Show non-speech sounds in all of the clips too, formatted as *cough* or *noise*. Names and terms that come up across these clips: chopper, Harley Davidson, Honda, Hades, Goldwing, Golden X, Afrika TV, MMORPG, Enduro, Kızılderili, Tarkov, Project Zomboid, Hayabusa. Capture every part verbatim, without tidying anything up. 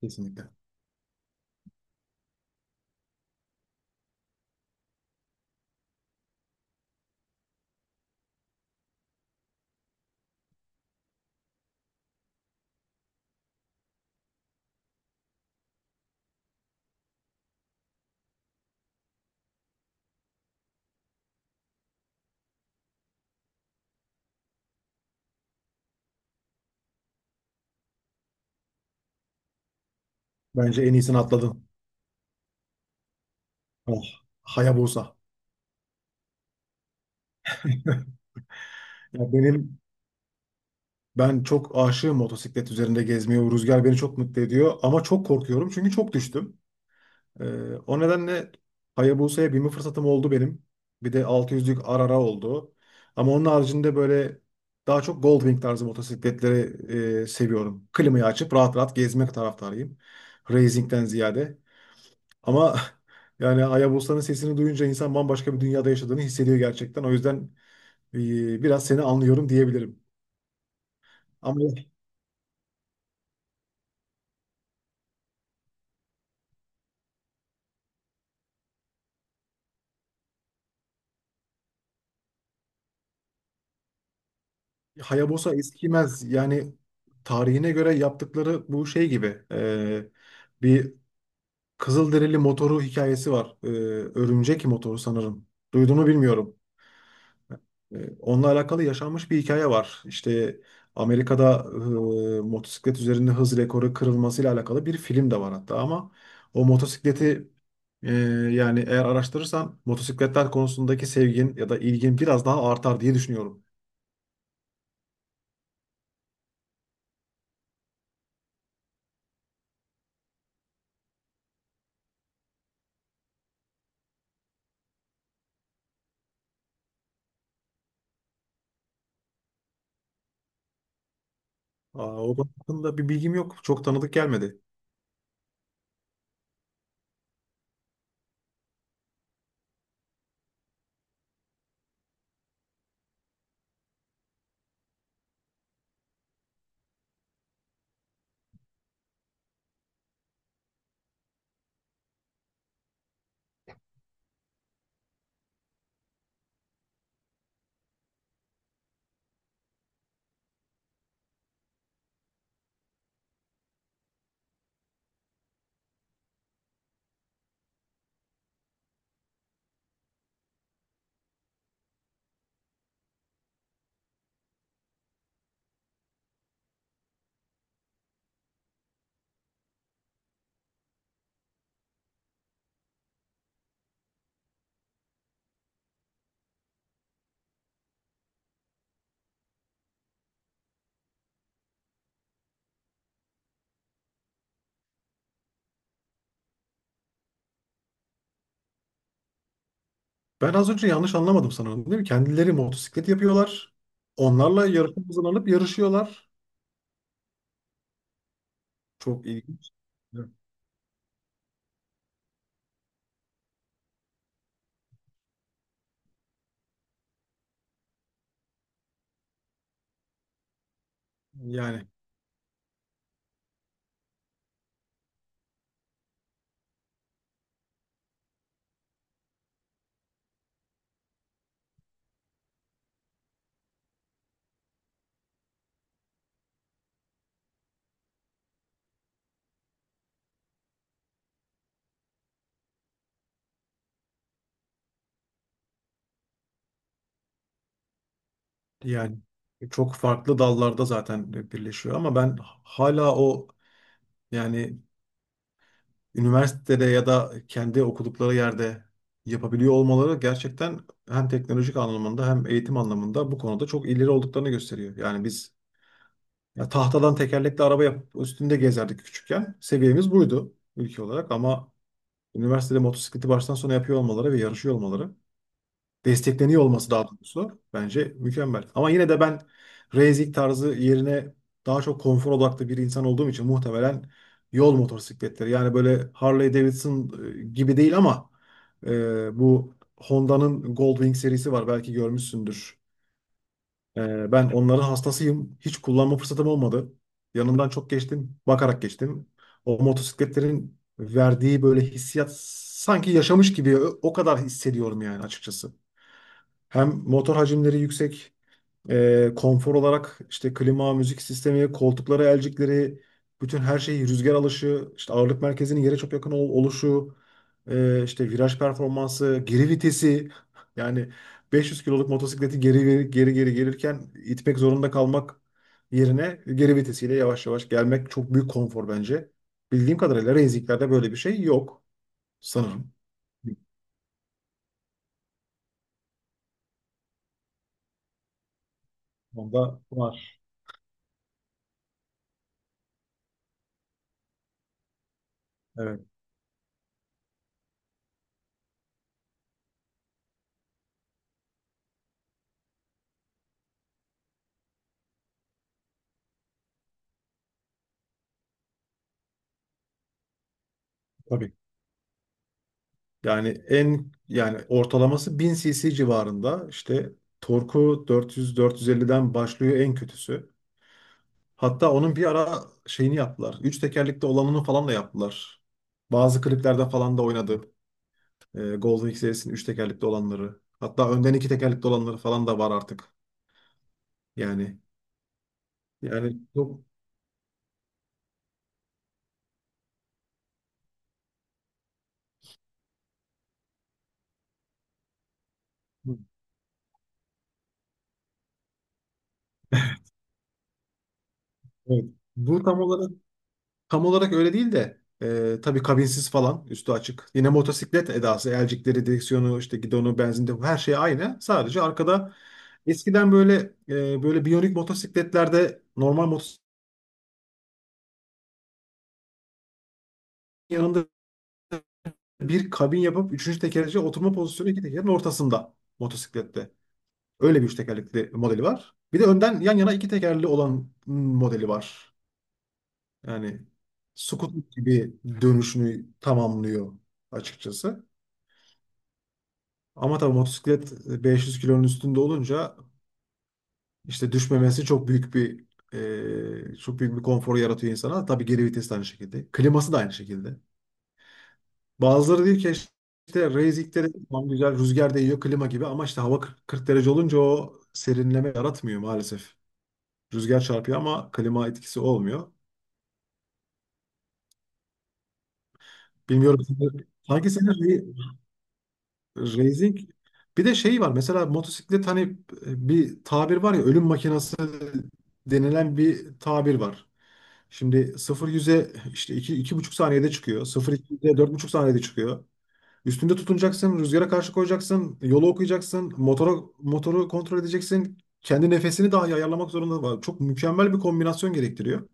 Kesinlikle. Bence en iyisini atladın. Oh, Hayabusa. *laughs* Ya benim ben çok aşığım motosiklet üzerinde gezmeye. O rüzgar beni çok mutlu ediyor ama çok korkuyorum çünkü çok düştüm. Ee, o nedenle Hayabusa'ya binme fırsatım oldu benim. Bir de altı yüzlük Arara oldu. Ama onun haricinde böyle daha çok Goldwing tarzı motosikletleri e, seviyorum. Klimayı açıp rahat rahat gezmek taraftarıyım. Racing'den ziyade. Ama *laughs* yani Ayabosa'nın sesini duyunca insan bambaşka bir dünyada yaşadığını hissediyor gerçekten. O yüzden e, biraz seni anlıyorum diyebilirim. Ama *laughs* Hayabusa eskimez. Yani tarihine göre yaptıkları bu şey gibi. E, bir Kızılderili motoru hikayesi var. E, örümcek motoru sanırım. Duyduğunu bilmiyorum. E, Onunla alakalı yaşanmış bir hikaye var. İşte Amerika'da e, motosiklet üzerinde hız rekoru kırılmasıyla alakalı bir film de var hatta ama o motosikleti e, yani eğer araştırırsan motosikletler konusundaki sevgin ya da ilgin biraz daha artar diye düşünüyorum. Aa, o konu hakkında bir bilgim yok. Çok tanıdık gelmedi. Ben az önce yanlış anlamadım sanırım, değil mi? Kendileri motosiklet yapıyorlar. Onlarla yarışa hazırlanıp yarışıyorlar. Çok ilginç. Yani Yani çok farklı dallarda zaten birleşiyor ama ben hala o yani üniversitede ya da kendi okudukları yerde yapabiliyor olmaları gerçekten hem teknolojik anlamında hem eğitim anlamında bu konuda çok ileri olduklarını gösteriyor. Yani biz ya tahtadan tekerlekli araba yapıp üstünde gezerdik küçükken. Seviyemiz buydu ülke olarak ama üniversitede motosikleti baştan sona yapıyor olmaları ve yarışıyor olmaları, destekleniyor olması daha doğrusu bence mükemmel. Ama yine de ben racing tarzı yerine daha çok konfor odaklı bir insan olduğum için muhtemelen yol motosikletleri, yani böyle Harley Davidson e, gibi değil ama e, bu Honda'nın Goldwing serisi var, belki görmüşsündür. Ee, ben onların hastasıyım. Hiç kullanma fırsatım olmadı. Yanından çok geçtim. Bakarak geçtim. O motosikletlerin verdiği böyle hissiyat sanki yaşamış gibi o o kadar hissediyorum yani açıkçası. Hem motor hacimleri yüksek. E, konfor olarak işte klima, müzik sistemi, koltukları, elcikleri, bütün her şeyi, rüzgar alışı, işte ağırlık merkezinin yere çok yakın ol- oluşu, e, işte viraj performansı, geri vitesi. *laughs* Yani beş yüz kiloluk motosikleti geri geri geri gelirken itmek zorunda kalmak yerine geri vitesiyle yavaş yavaş gelmek çok büyük konfor bence. Bildiğim kadarıyla racing'lerde böyle bir şey yok sanırım. Onda var. Evet, tabii. Yani en yani ortalaması bin cc civarında, işte torku dört yüz dört yüz elliden başlıyor en kötüsü. Hatta onun bir ara şeyini yaptılar. Üç tekerlekli olanını falan da yaptılar. Bazı kliplerde falan da oynadı. Ee, Golden X serisinin üç tekerlekli olanları. Hatta önden iki tekerlekli olanları falan da var artık. Yani yani çok- evet. Bu tam olarak Tam olarak öyle değil de e, tabii kabinsiz falan üstü açık. Yine motosiklet edası, elcikleri, direksiyonu, işte gidonu, benzinde her şey aynı. Sadece arkada eskiden böyle e, böyle biyonik motosikletlerde normal motosikletin yanında bir kabin yapıp üçüncü tekerleci, oturma pozisyonu iki tekerin ortasında motosiklette. Öyle bir üç tekerlekli modeli var. Bir de önden yan yana iki tekerli olan mm, modeli var. Yani scooter gibi dönüşünü tamamlıyor açıkçası. Ama tabii motosiklet beş yüz kilonun üstünde olunca işte düşmemesi çok büyük bir e, çok büyük bir konfor yaratıyor insana. Tabii geri vites de aynı şekilde. Kliması da aynı şekilde. Bazıları diyor ki işte racing'de de tamam güzel rüzgar değiyor klima gibi ama işte hava kırk kırk derece olunca o serinleme yaratmıyor maalesef. Rüzgar çarpıyor ama klima etkisi olmuyor. Bilmiyorum. Sanki senin Racing, bir de şey var mesela motosiklet hani e, bir tabir var ya, ölüm makinası denilen bir tabir var. Şimdi sıfır yüze işte iki iki buçuk saniyede çıkıyor. sıfır dört buçuk saniyede çıkıyor. Üstünde tutunacaksın, rüzgara karşı koyacaksın, yolu okuyacaksın, motoru motoru kontrol edeceksin. Kendi nefesini dahi ayarlamak zorunda var. Çok mükemmel bir kombinasyon gerektiriyor.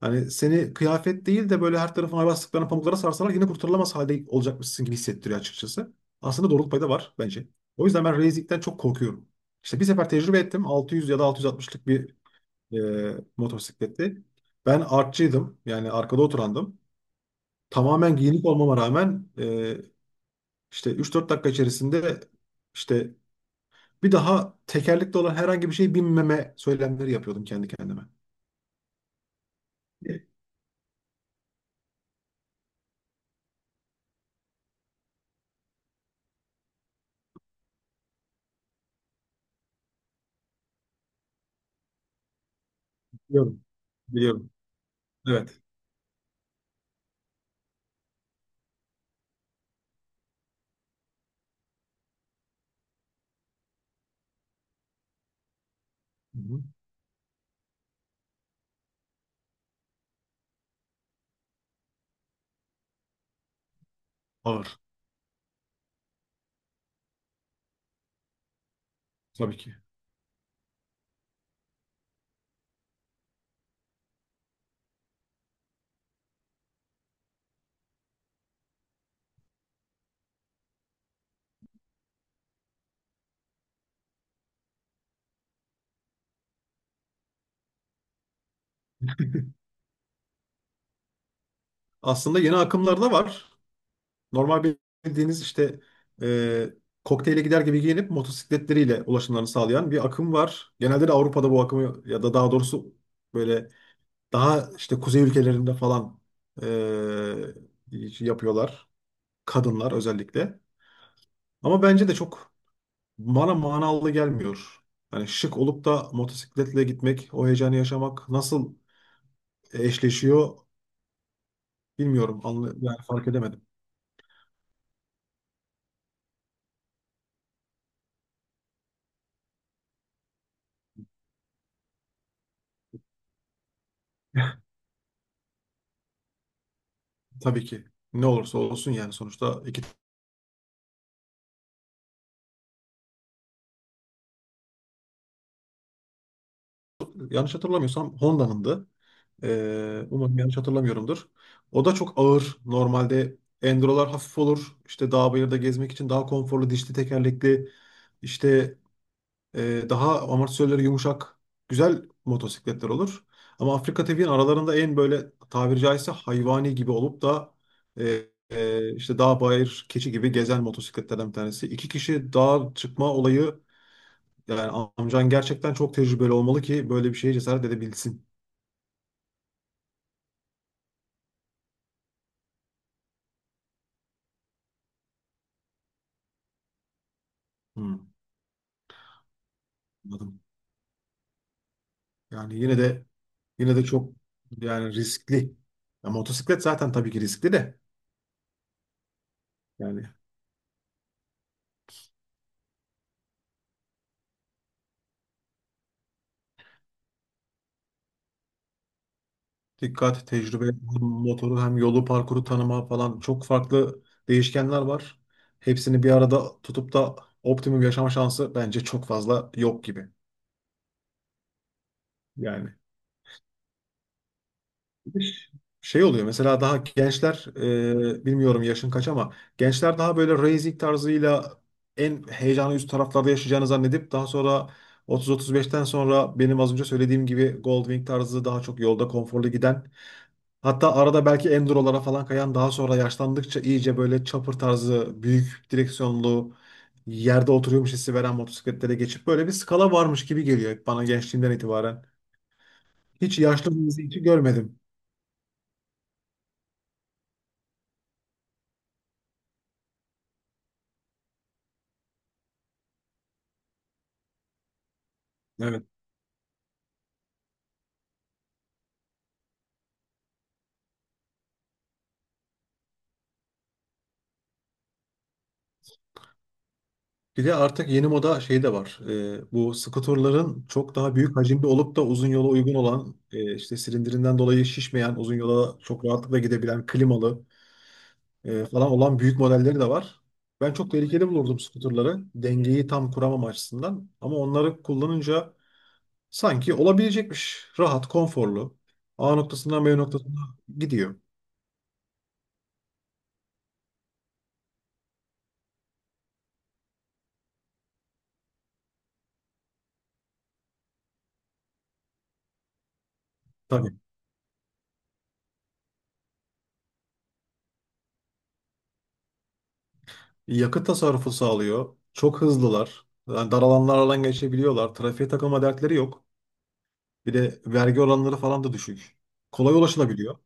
Hani seni kıyafet değil de böyle her tarafına bastıklarına pamuklara sarsalar yine kurtarılamaz halde olacakmışsın gibi hissettiriyor açıkçası. Aslında doğruluk payı da var bence. O yüzden ben racing'den çok korkuyorum. İşte bir sefer tecrübe ettim. altı yüz ya da altı yüz altmışlık bir e, motosikletti. Ben artçıydım. Yani arkada oturandım. Tamamen giyinik olmama rağmen e, işte üç dört dakika içerisinde işte bir daha tekerlekli olan herhangi bir şey binmeme söylemleri yapıyordum kendi kendime. Biliyorum. Biliyorum. Evet. Hı hı. Ağır. Tabii ki. Aslında yeni akımlar da var. Normal bildiğiniz işte e, kokteyle gider gibi giyinip motosikletleriyle ulaşımlarını sağlayan bir akım var. Genelde de Avrupa'da bu akımı ya da daha doğrusu böyle daha işte kuzey ülkelerinde falan e, yapıyorlar. Kadınlar özellikle. Ama bence de çok bana manalı gelmiyor. Hani şık olup da motosikletle gitmek, o heyecanı yaşamak nasıl eşleşiyor bilmiyorum. Anla- Yani fark edemedim. Tabii ki ne olursa olsun yani sonuçta iki, yanlış hatırlamıyorsam Honda'nındı. Ee, umarım yanlış hatırlamıyorumdur. O da çok ağır. Normalde Enduro'lar hafif olur. İşte dağ bayırda gezmek için daha konforlu, dişli tekerlekli, işte e, daha amortisörleri yumuşak güzel motosikletler olur. Ama Afrika T V'nin aralarında en böyle tabiri caizse hayvani gibi olup da e, e, işte dağ bayır keçi gibi gezen motosikletlerden bir tanesi. İki kişi dağa çıkma olayı. Yani amcan gerçekten çok tecrübeli olmalı ki böyle bir şeye cesaret edebilsin. Hmm, anladım. Yani yine de yine de çok, yani riskli. Ya motosiklet zaten tabii ki riskli de. Yani dikkat, tecrübe, motoru hem yolu, parkuru tanıma falan çok farklı değişkenler var. Hepsini bir arada tutup da optimum yaşama şansı bence çok fazla yok gibi. Yani. Şey oluyor mesela daha gençler e, bilmiyorum yaşın kaç ama gençler daha böyle racing tarzıyla en heyecanı üst taraflarda yaşayacağını zannedip daha sonra otuz otuz beşten sonra benim az önce söylediğim gibi Goldwing tarzı daha çok yolda konforlu giden hatta arada belki Enduro'lara falan kayan daha sonra yaşlandıkça iyice böyle chopper tarzı büyük direksiyonlu yerde oturuyormuş hissi veren motosikletlere geçip böyle bir skala varmış gibi geliyor bana gençliğimden itibaren. Hiç yaşlı birisi hiç görmedim. Bir de artık yeni moda şey de var. Ee, bu skuterların çok daha büyük hacimli olup da uzun yola uygun olan, e, işte silindirinden dolayı şişmeyen, uzun yola çok rahatlıkla gidebilen, klimalı e, falan olan büyük modelleri de var. Ben çok tehlikeli bulurdum skuterları. Dengeyi tam kuramam açısından. Ama onları kullanınca sanki olabilecekmiş. Rahat, konforlu. A noktasından B noktasına gidiyor. Tabii. Yakıt tasarrufu sağlıyor. Çok hızlılar. Yani dar alanlardan geçebiliyorlar. Trafiğe takılma dertleri yok. Bir de vergi oranları falan da düşük. Kolay ulaşılabiliyor.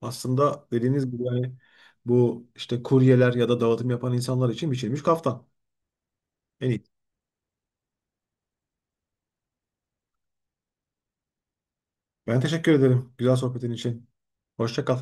Aslında dediğiniz gibi yani bu işte kuryeler ya da dağıtım yapan insanlar için biçilmiş kaftan. En iyi. Ben teşekkür ederim güzel sohbetin için. Hoşça kal.